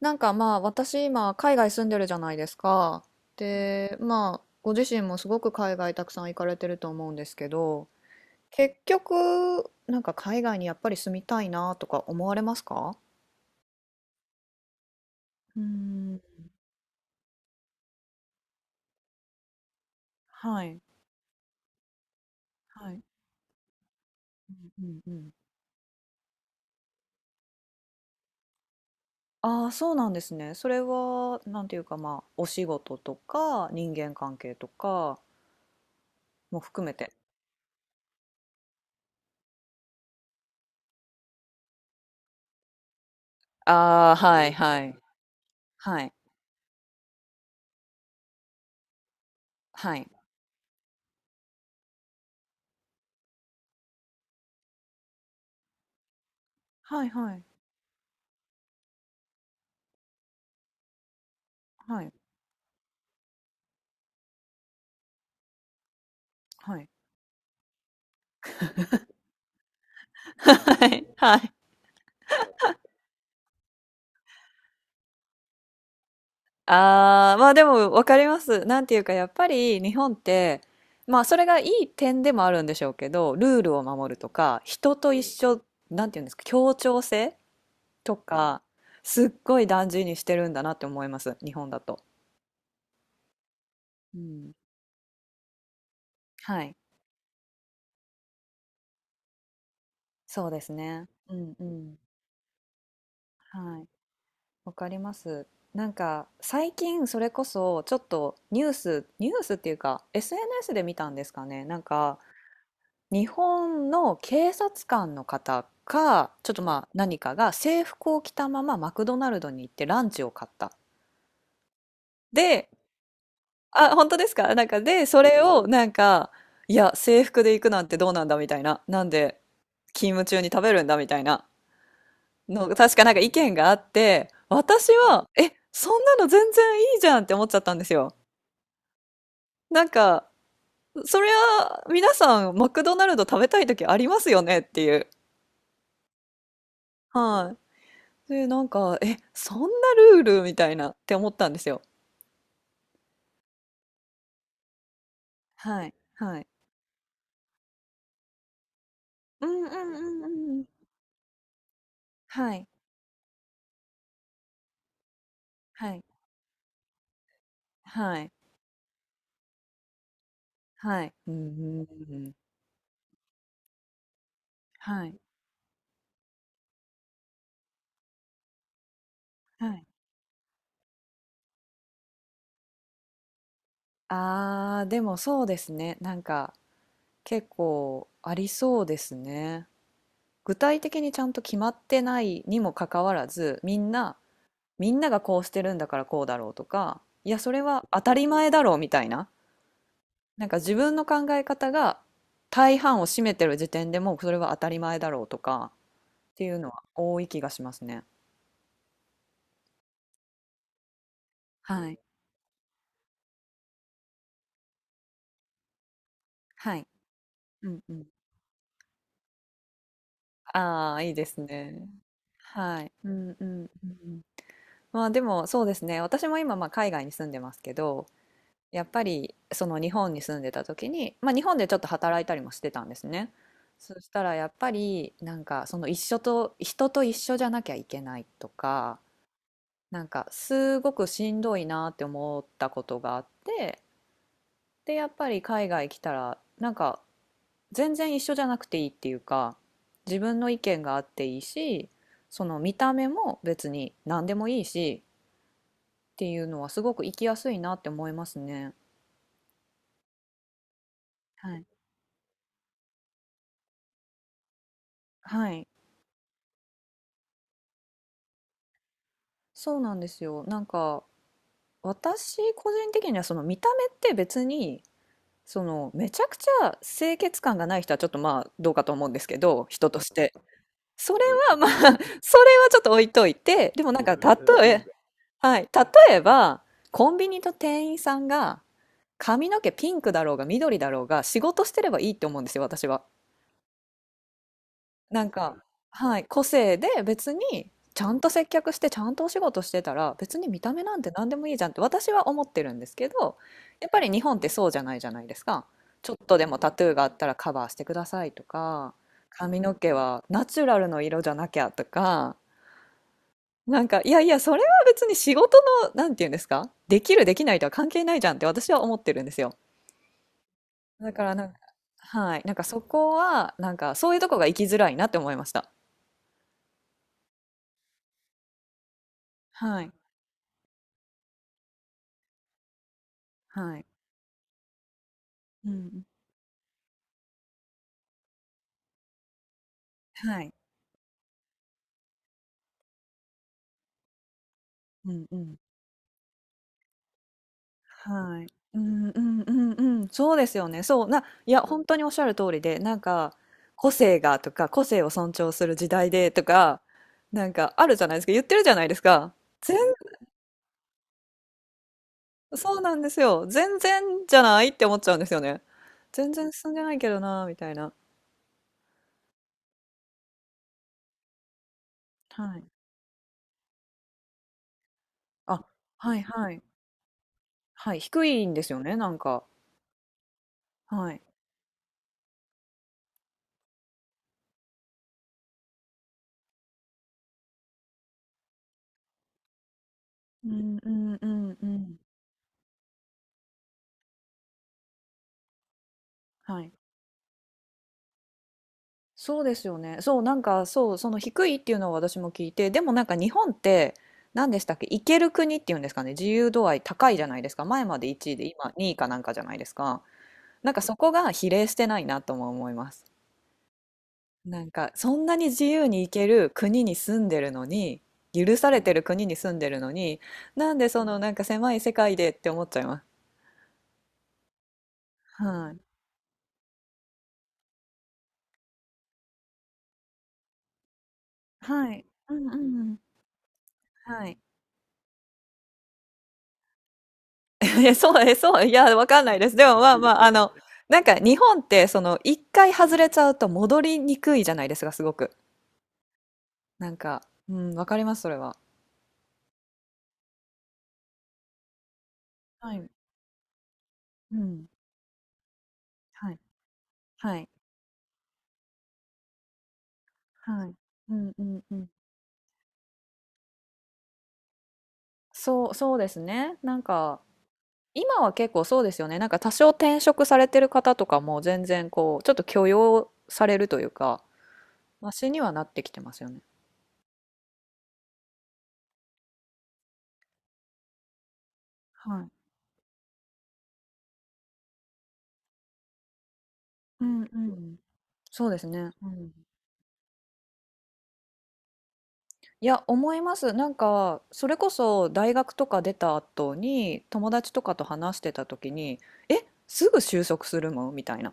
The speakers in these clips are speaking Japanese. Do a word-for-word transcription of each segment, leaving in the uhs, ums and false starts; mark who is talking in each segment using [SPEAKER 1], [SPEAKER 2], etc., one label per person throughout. [SPEAKER 1] なんかまあ私今海外住んでるじゃないですか。で、まあご自身もすごく海外たくさん行かれてると思うんですけど、結局なんか海外にやっぱり住みたいなとか思われますか？うーん、はい、はい、うんうん。ああ、そうなんですね。それはなんていうかまあお仕事とか人間関係とかも含めて。ああ、はいはい。はい、はい。はいはい。はい。はい。はい。ああ、まあでも分かります。なんていうかやっぱり日本って、まあそれがいい点でもあるんでしょうけど、ルールを守るとか、人と一緒、なんていうんですか、協調性とか、すっごい大事にしてるんだなって思います、日本だと。うん。はい。そうですね。うんうん。はい。わかります。なんか最近それこそちょっとニュース、ニュースっていうか エスエヌエス で見たんですかね。なんか日本の警察官の方か、ちょっとまあ何かが制服を着たままマクドナルドに行ってランチを買った。で、あ、本当ですか、なんかで、それをなんか、いや、制服で行くなんてどうなんだみたいな。なんで勤務中に食べるんだみたいなの、確かなんか意見があって、私は、え、そんなの全然いいじゃんって思っちゃったんですよ。なんか、そりゃ、皆さん、マクドナルド食べたい時ありますよねっていう。はい、で、なんか、え、そんなルールみたいなって思ったんですよ。はい、はい。うんうんうんうんうん。はい、はい、はい、はい。うんうんうん。はい、はい。ああ、でもそうですね。なんか、結構ありそうですね。具体的にちゃんと決まってないにもかかわらず、みんな、みんながこうしてるんだからこうだろうとか、いや、それは当たり前だろうみたいな。なんか自分の考え方が大半を占めてる時点でもうそれは当たり前だろうとかっていうのは多い気がしますね。はい。はい。うんうん。ああ、いいですね。はい。うんうんうんうん。まあでもそうですね。私も今まあ海外に住んでますけど、やっぱりその日本に住んでた時に、まあ日本でちょっと働いたりもしてたんですね。そしたらやっぱりなんかその一緒と、人と一緒じゃなきゃいけないとか、なんかすごくしんどいなって思ったことがあって、でやっぱり海外来たらなんか全然一緒じゃなくていいっていうか、自分の意見があっていいし、その見た目も別に何でもいいしっていうのはすごく生きやすいなって思いますね。はい。はい、そうなんですよ。なんか私個人的にはその見た目って別に、そのめちゃくちゃ清潔感がない人はちょっとまあどうかと思うんですけど、人として。それはまあ、それはちょっと置いといて、でもなんか例え、はい、例えば、コンビニと店員さんが髪の毛ピンクだろうが緑だろうが仕事してればいいって思うんですよ、私は。なんか、はい、個性で別にちゃんと接客してちゃんとお仕事してたら別に見た目なんて何でもいいじゃんって私は思ってるんですけど、やっぱり日本ってそうじゃないじゃないですか。ちょっとでもタトゥーがあったらカバーしてくださいとか、髪の毛はナチュラルの色じゃなきゃとか、なんか、いやいや、それは別に仕事の、なんていうんですか、できる、できないとは関係ないじゃんって私は思ってるんですよ。だから、なんか、はい、なんかそこは、なんか、そういうとこが生きづらいなって思いました。はい、はい、うん、はい、うん、うん、はい、うん、うん、うん、うん、そうですよね。そう、な、いや、本当におっしゃる通りで、なんか、個性がとか、個性を尊重する時代でとか、なんか、あるじゃないですか、言ってるじゃないですか。そうなんですよ。全然じゃないって思っちゃうんですよね。全然進んでないけどな、みたいな。はい。あ、はいはい。はい、低いんですよね、なんか。はい。うんうんうんうん。はい。そうですよね。そう、なんか、そう、その低いっていうのを私も聞いて、でもなんか日本って、何でしたっけ、行ける国っていうんですかね、自由度合い高いじゃないですか。前までいちいで、今にいかなんかじゃないですか。なんかそこが比例してないなとも思います。なんかそんなに自由に行ける国に住んでるのに、許されてる国に住んでるのに、なんでそのなんか狭い世界でって思っちゃいます。はい。はい。うんうんうん。はい。え、そう、え、そう、いや、わかんないです。でもまあまあ、あの、なんか日本ってその一回外れちゃうと戻りにくいじゃないですか、すごく。なんか、うん、わかります、それは。はい。うん。はい。はい。はい。うんうんうん。そう、そうですね。なんか、今は結構そうですよね。なんか多少転職されてる方とかも全然こう、ちょっと許容されるというか、マシにはなってきてますよね。はい。うんうん。そうですね。うん。いや、思います。なんか、それこそ大学とか出た後に友達とかと話してた時に、え、すぐ就職するのみたいな。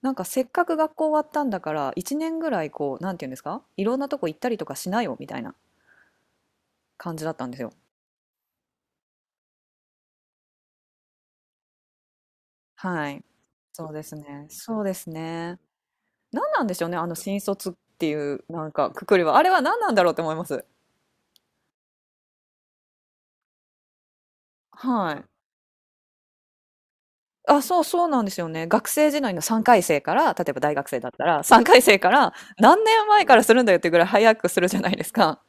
[SPEAKER 1] なんかせっかく学校終わったんだからいちねんぐらいこう、なんていうんですか、いろんなとこ行ったりとかしなよみたいな感じだったんですよ。はい。そうですね。そうですね。何なんでしょうね、あの新卒っていうなんかくくりは。あれは何なんだろうって思います。はい。あ、そうそうなんですよね。学生時代のさんかい生から、例えば大学生だったら、さんかい生から何年前からするんだよっていうぐらい早くするじゃないですか。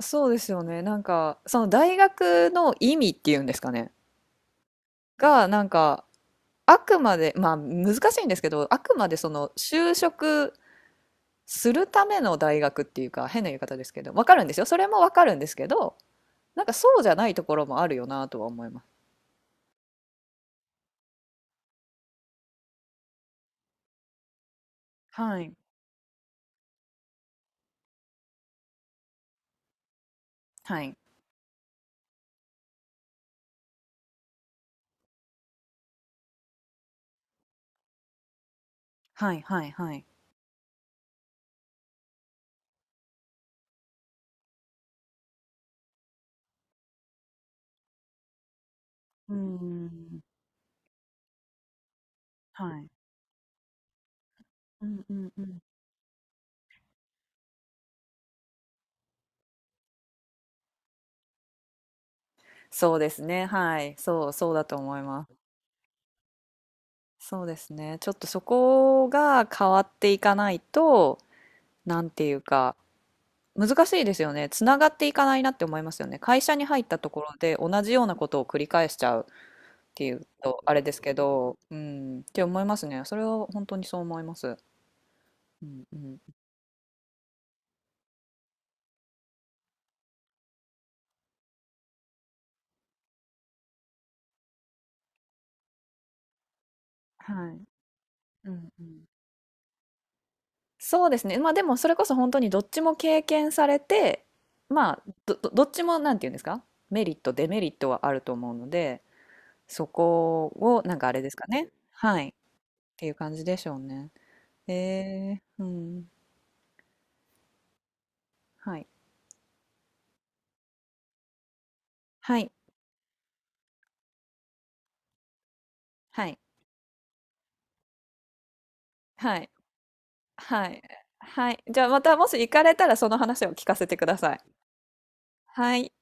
[SPEAKER 1] そうですよね。なんか、その大学の意味っていうんですかね。が、なんか、あくまで、まあ難しいんですけど、あくまでその就職するための大学っていうか、変な言い方ですけど、わかるんですよ。それもわかるんですけど、なんかそうじゃないところもあるよなとは思います。はい。はい。はいはいはい。うーん。はい。うんうんうん。そうですね。はい。そう、そうだと思います。そうですね。ちょっとそこが変わっていかないと、なんていうか、難しいですよね。つながっていかないなって思いますよね。会社に入ったところで同じようなことを繰り返しちゃうっていうと、あれですけど、うん、って思いますね。それは本当にそう思います。うんうん。はい。うんうん、そうですね。まあでもそれこそ本当にどっちも経験されて、まあど、どどっちもなんて言うんですか、メリット、デメリットはあると思うので、そこをなんかあれですかね。はい。っていう感じでしょうね。えー、うん。はい。はい。はい。はい。はい。はい。じゃあまたもし行かれたらその話を聞かせてください。はい。